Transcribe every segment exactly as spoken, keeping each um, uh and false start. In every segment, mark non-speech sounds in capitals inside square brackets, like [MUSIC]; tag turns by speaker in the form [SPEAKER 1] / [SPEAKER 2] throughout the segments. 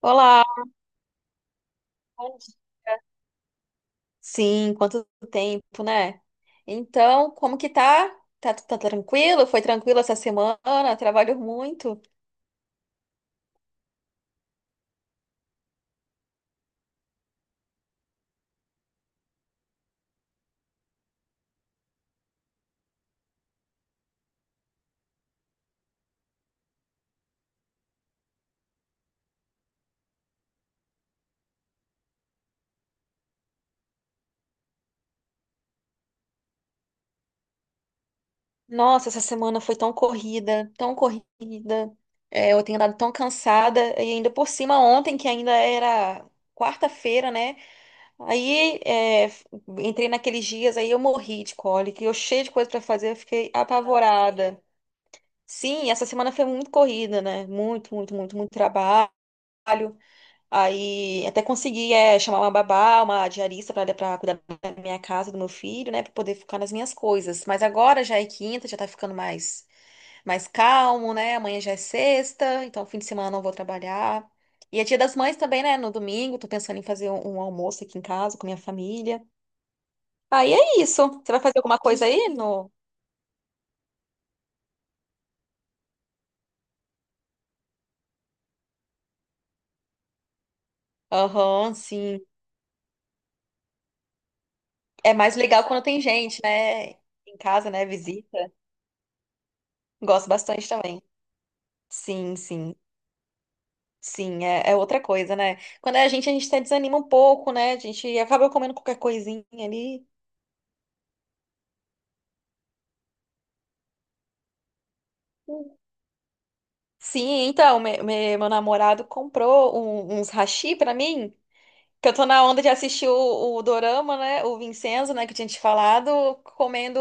[SPEAKER 1] Olá, bom dia. Sim, quanto tempo, né? Então, como que tá? Tá, tá tranquilo? Foi tranquilo essa semana? Trabalho muito. Nossa, essa semana foi tão corrida, tão corrida. É, eu tenho andado tão cansada. E ainda por cima, ontem, que ainda era quarta-feira, né? Aí, é, f- entrei naqueles dias, aí eu morri de cólica. E eu cheia de coisa pra fazer, eu fiquei apavorada. Sim, essa semana foi muito corrida, né? Muito, muito, muito, muito trabalho. Aí até consegui é, chamar uma babá, uma diarista para para cuidar da minha casa, do meu filho, né, para poder focar nas minhas coisas. Mas agora já é quinta, já tá ficando mais mais calmo, né? Amanhã já é sexta, então fim de semana não vou trabalhar. E é Dia das Mães também, né? No domingo, tô pensando em fazer um, um almoço aqui em casa com minha família. Aí é isso. Você vai fazer alguma coisa aí no? Aham, sim. É mais legal quando tem gente, né? Em casa, né? Visita. Gosto bastante também. Sim, sim. Sim, é, é outra coisa, né? Quando é a gente, a gente até desanima um pouco, né? A gente acaba comendo qualquer coisinha ali. Sim, então, me- me- meu namorado comprou um- uns hashi pra mim, que eu tô na onda de assistir o, o Dorama, né? O Vincenzo, né? Que eu tinha te falado, comendo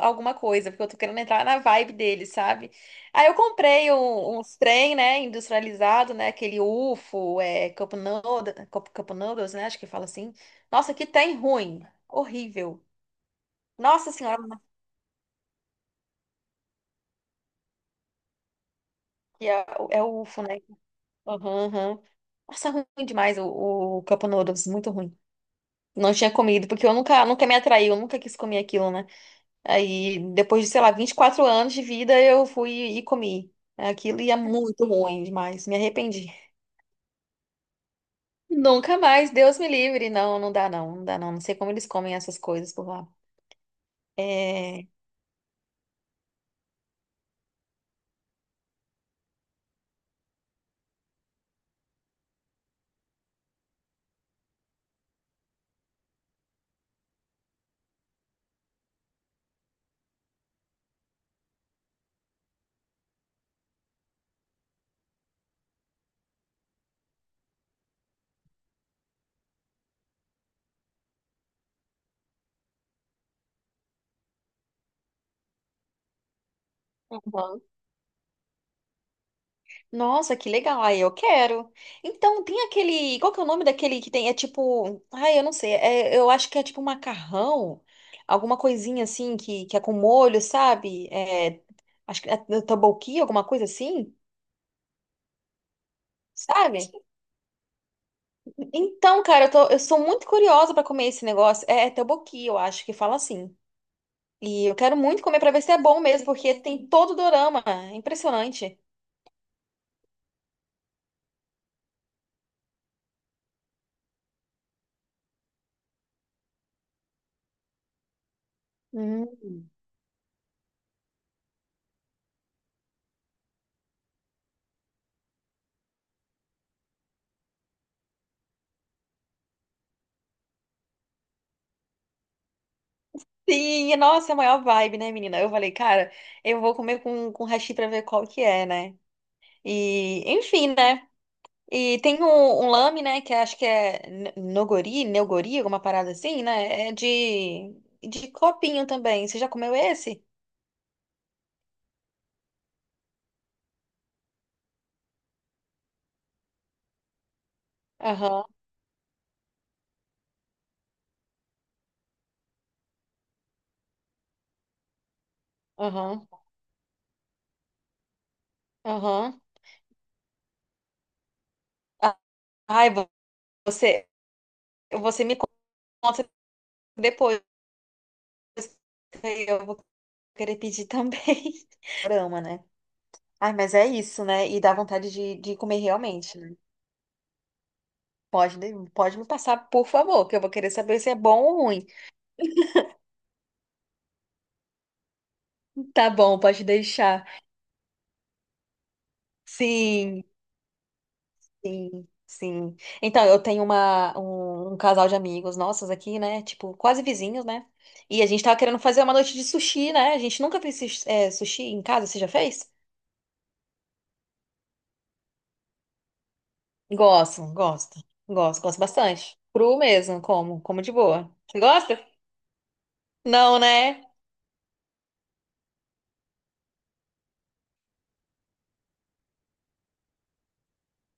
[SPEAKER 1] alguma coisa, porque eu tô querendo entrar na vibe dele, sabe? Aí eu comprei um- uns trem, né? Industrializado, né? Aquele ufo, é, Cup Noodle- Cup- Cup Noodles, né? Acho que fala assim. Nossa, que tem ruim. Horrível. Nossa Senhora, que é, é o é o Funeco. Aham, aham. Nossa, ruim demais o, o Cup Noodles, muito ruim. Não tinha comido, porque eu nunca, nunca me atraiu, eu nunca quis comer aquilo, né? Aí, depois de, sei lá, vinte e quatro anos de vida, eu fui e comi. Aquilo e é muito ruim demais, me arrependi. Nunca mais, Deus me livre. Não, não dá não, não dá não. Não sei como eles comem essas coisas por lá. É. Uhum. Nossa, que legal. Aí eu quero. Então, tem aquele. Qual que é o nome daquele que tem? É tipo. Ai, eu não sei. É- eu acho que é tipo macarrão. Alguma coisinha assim que, que é com molho, sabe? É, acho que é tteokbokki, alguma coisa assim, sabe? Então, cara, eu, tô- eu sou muito curiosa pra comer esse negócio. É, é tteokbokki, eu acho que fala assim. E eu quero muito comer pra ver se é bom mesmo, porque tem todo o dorama. É impressionante. Hum. Sim, e, nossa, é a maior vibe, né, menina? Eu falei, cara, eu vou comer com, com hashi pra ver qual que é, né? E, enfim, né? E tem um, um lame, né, que acho que é n- nogori, neogori, alguma parada assim, né? É de, de copinho também. Você já comeu esse? Aham, aham, aham. Ah, Ai, vo- você, você me conta depois. Eu vou querer pedir também. [LAUGHS] Dorama, né? Ai, mas é isso, né? E dá vontade de, de comer realmente. Pode, de- pode me passar, por favor, que eu vou querer saber se é bom ou ruim. Tá bom, pode deixar. Sim, sim, sim. Então, eu tenho uma, um, um casal de amigos nossos aqui, né? Tipo, quase vizinhos, né? E a gente tava querendo fazer uma noite de sushi, né? A gente nunca fez sushi, é, sushi em casa, você já fez? Gosto, gosto, gosto, gosto bastante. Cru mesmo, como, como de boa. Você gosta? Não, né?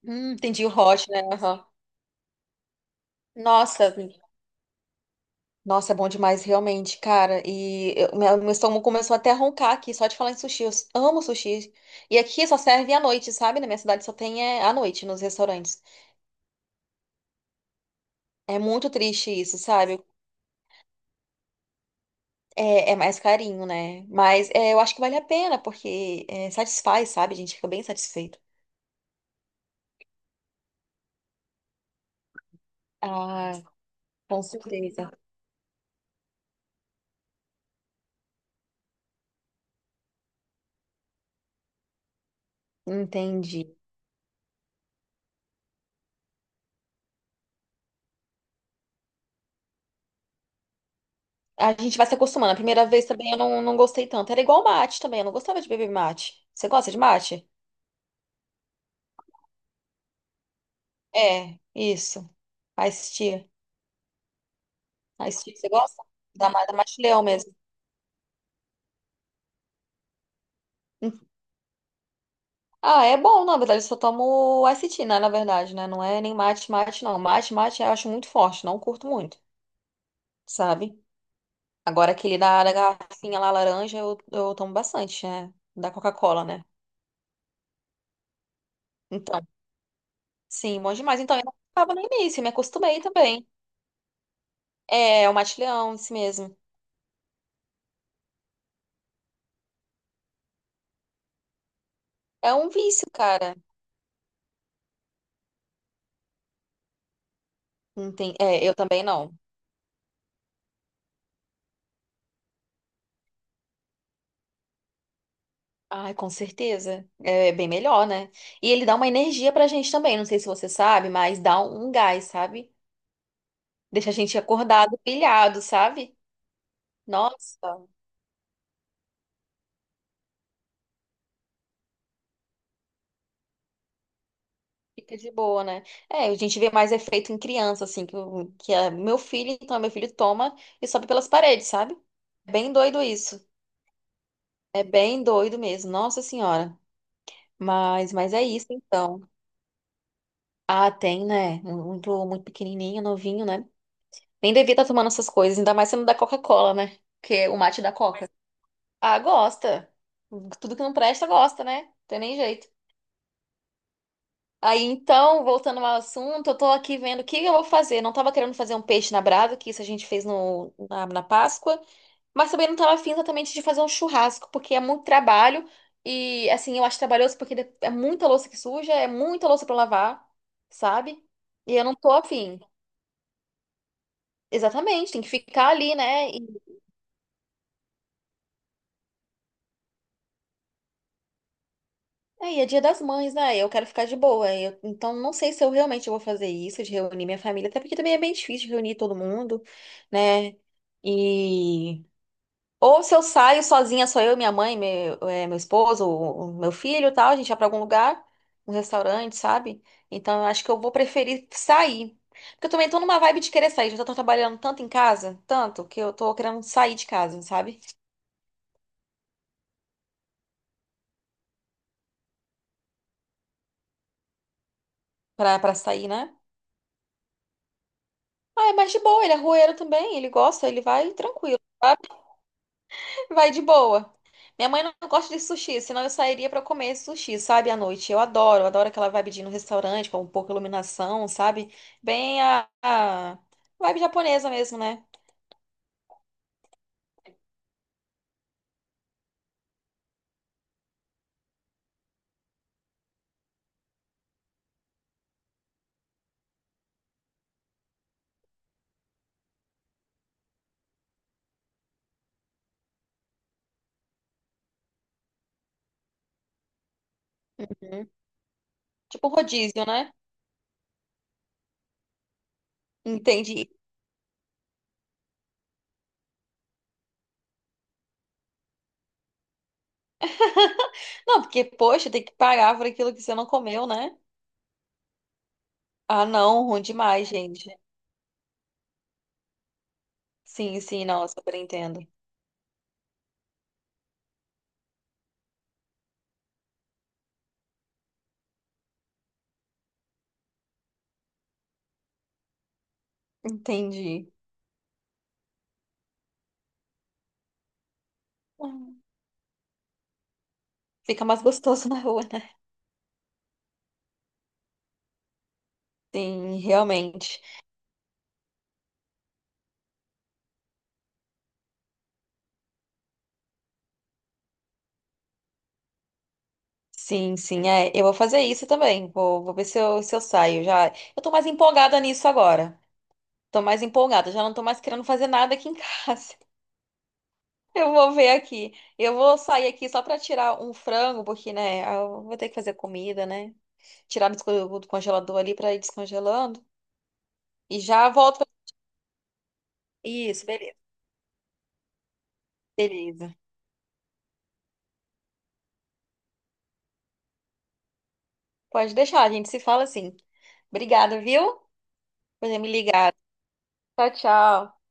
[SPEAKER 1] Hum, entendi o hot, né? Aham. Nossa, Nossa, é bom demais, realmente, cara. E eu- meu meu estômago começou até a roncar aqui, só de falar em sushi. Eu amo sushi. E aqui só serve à noite, sabe? Na minha cidade só tem é, à noite nos restaurantes. É muito triste isso, sabe? É, é mais carinho, né? Mas é, eu acho que vale a pena, porque é, satisfaz, sabe? A gente fica bem satisfeito. Ah, com certeza. Entendi. A gente vai se acostumando. A primeira vez também eu não, não gostei tanto. Era igual mate também, eu não gostava de beber mate. Você gosta de mate? É, isso. Faz Ice tea, você gosta? Da, ma- da Mate Leão mesmo. Hum. Ah, é bom, na verdade, eu só tomo ice tea, né, na verdade, né? Não é nem mate, mate, não. Mate, mate eu acho muito forte, não curto muito, sabe? Agora aquele da, da garrafinha lá laranja eu, eu tomo bastante, né? Da Coca-Cola, né? Então, sim, bom demais. Então, eu não tava no início, me acostumei também. É, o Mate Leão, isso mesmo. É um vício, cara. Não tem- É, eu também não. Ai, com certeza. É bem melhor, né? E ele dá uma energia pra gente também. Não sei se você sabe, mas dá um gás, sabe? Deixa a gente acordado, pilhado, sabe? Nossa, fica de boa, né? É, a gente vê mais efeito em criança, assim, que, o- que é meu filho, então meu filho toma e sobe pelas paredes, sabe? É bem doido isso. É bem doido mesmo. Nossa Senhora. Mas, mas é isso, então. Ah, tem, né? Muito, muito pequenininho, novinho, né? Nem devia estar tomando essas coisas, ainda mais sendo da Coca-Cola, né? Que é o mate da Coca. Ah, gosta. Tudo que não presta, gosta, né? Não tem nem jeito. Aí então, voltando ao assunto, eu tô aqui vendo o que eu vou fazer. Não tava querendo fazer um peixe na brasa, que isso a gente fez no, na, na Páscoa, mas também não tava afim exatamente de fazer um churrasco, porque é muito trabalho e, assim, eu acho trabalhoso porque de- é muita louça que suja, é muita louça pra lavar, sabe? E eu não tô afim. Exatamente, tem que ficar ali, né? Aí é Dia das Mães, né? Eu quero ficar de boa. Eu, então, não sei se eu realmente vou fazer isso, de reunir minha família, até porque também é bem difícil reunir todo mundo, né? E. Ou se eu saio sozinha, só eu, minha mãe, meu, é, meu esposo, o- o meu filho e tal, a gente vai pra algum lugar, um restaurante, sabe? Então, eu acho que eu vou preferir sair. Porque eu também tô numa vibe de querer sair. Já tô trabalhando tanto em casa, tanto, que eu tô querendo sair de casa, sabe? Pra, pra sair, né? Ah, é mais de boa, ele é rueiro também, ele gosta, ele vai tranquilo. Vai de boa. Minha mãe não gosta de sushi, senão eu sairia pra comer sushi, sabe, à noite. Eu adoro, eu adoro aquela vibe de ir no restaurante com um pouco de iluminação, sabe? Bem a, a vibe japonesa mesmo, né? Uhum. Tipo rodízio, né? Entendi. Não, porque, poxa, tem que pagar por aquilo que você não comeu, né? Ah, não, ruim demais, gente. Sim, sim, não, eu super entendo. Entendi. Hum, Fica mais gostoso na rua, né? Sim, realmente. Sim, sim, é. Eu vou fazer isso também. Vou, vou ver se eu, se eu saio. Já, eu tô mais empolgada nisso agora. Tô mais empolgada. Já não tô mais querendo fazer nada aqui em casa. [LAUGHS] Eu vou ver aqui. Eu vou sair aqui só pra tirar um frango, porque, né, eu vou ter que fazer comida, né? Tirar do co- do congelador ali pra ir descongelando. E já volto. pra- Isso, beleza. Beleza. Pode deixar, a gente se fala assim. Obrigada, viu? Por ter me ligado. Tchau, tchau.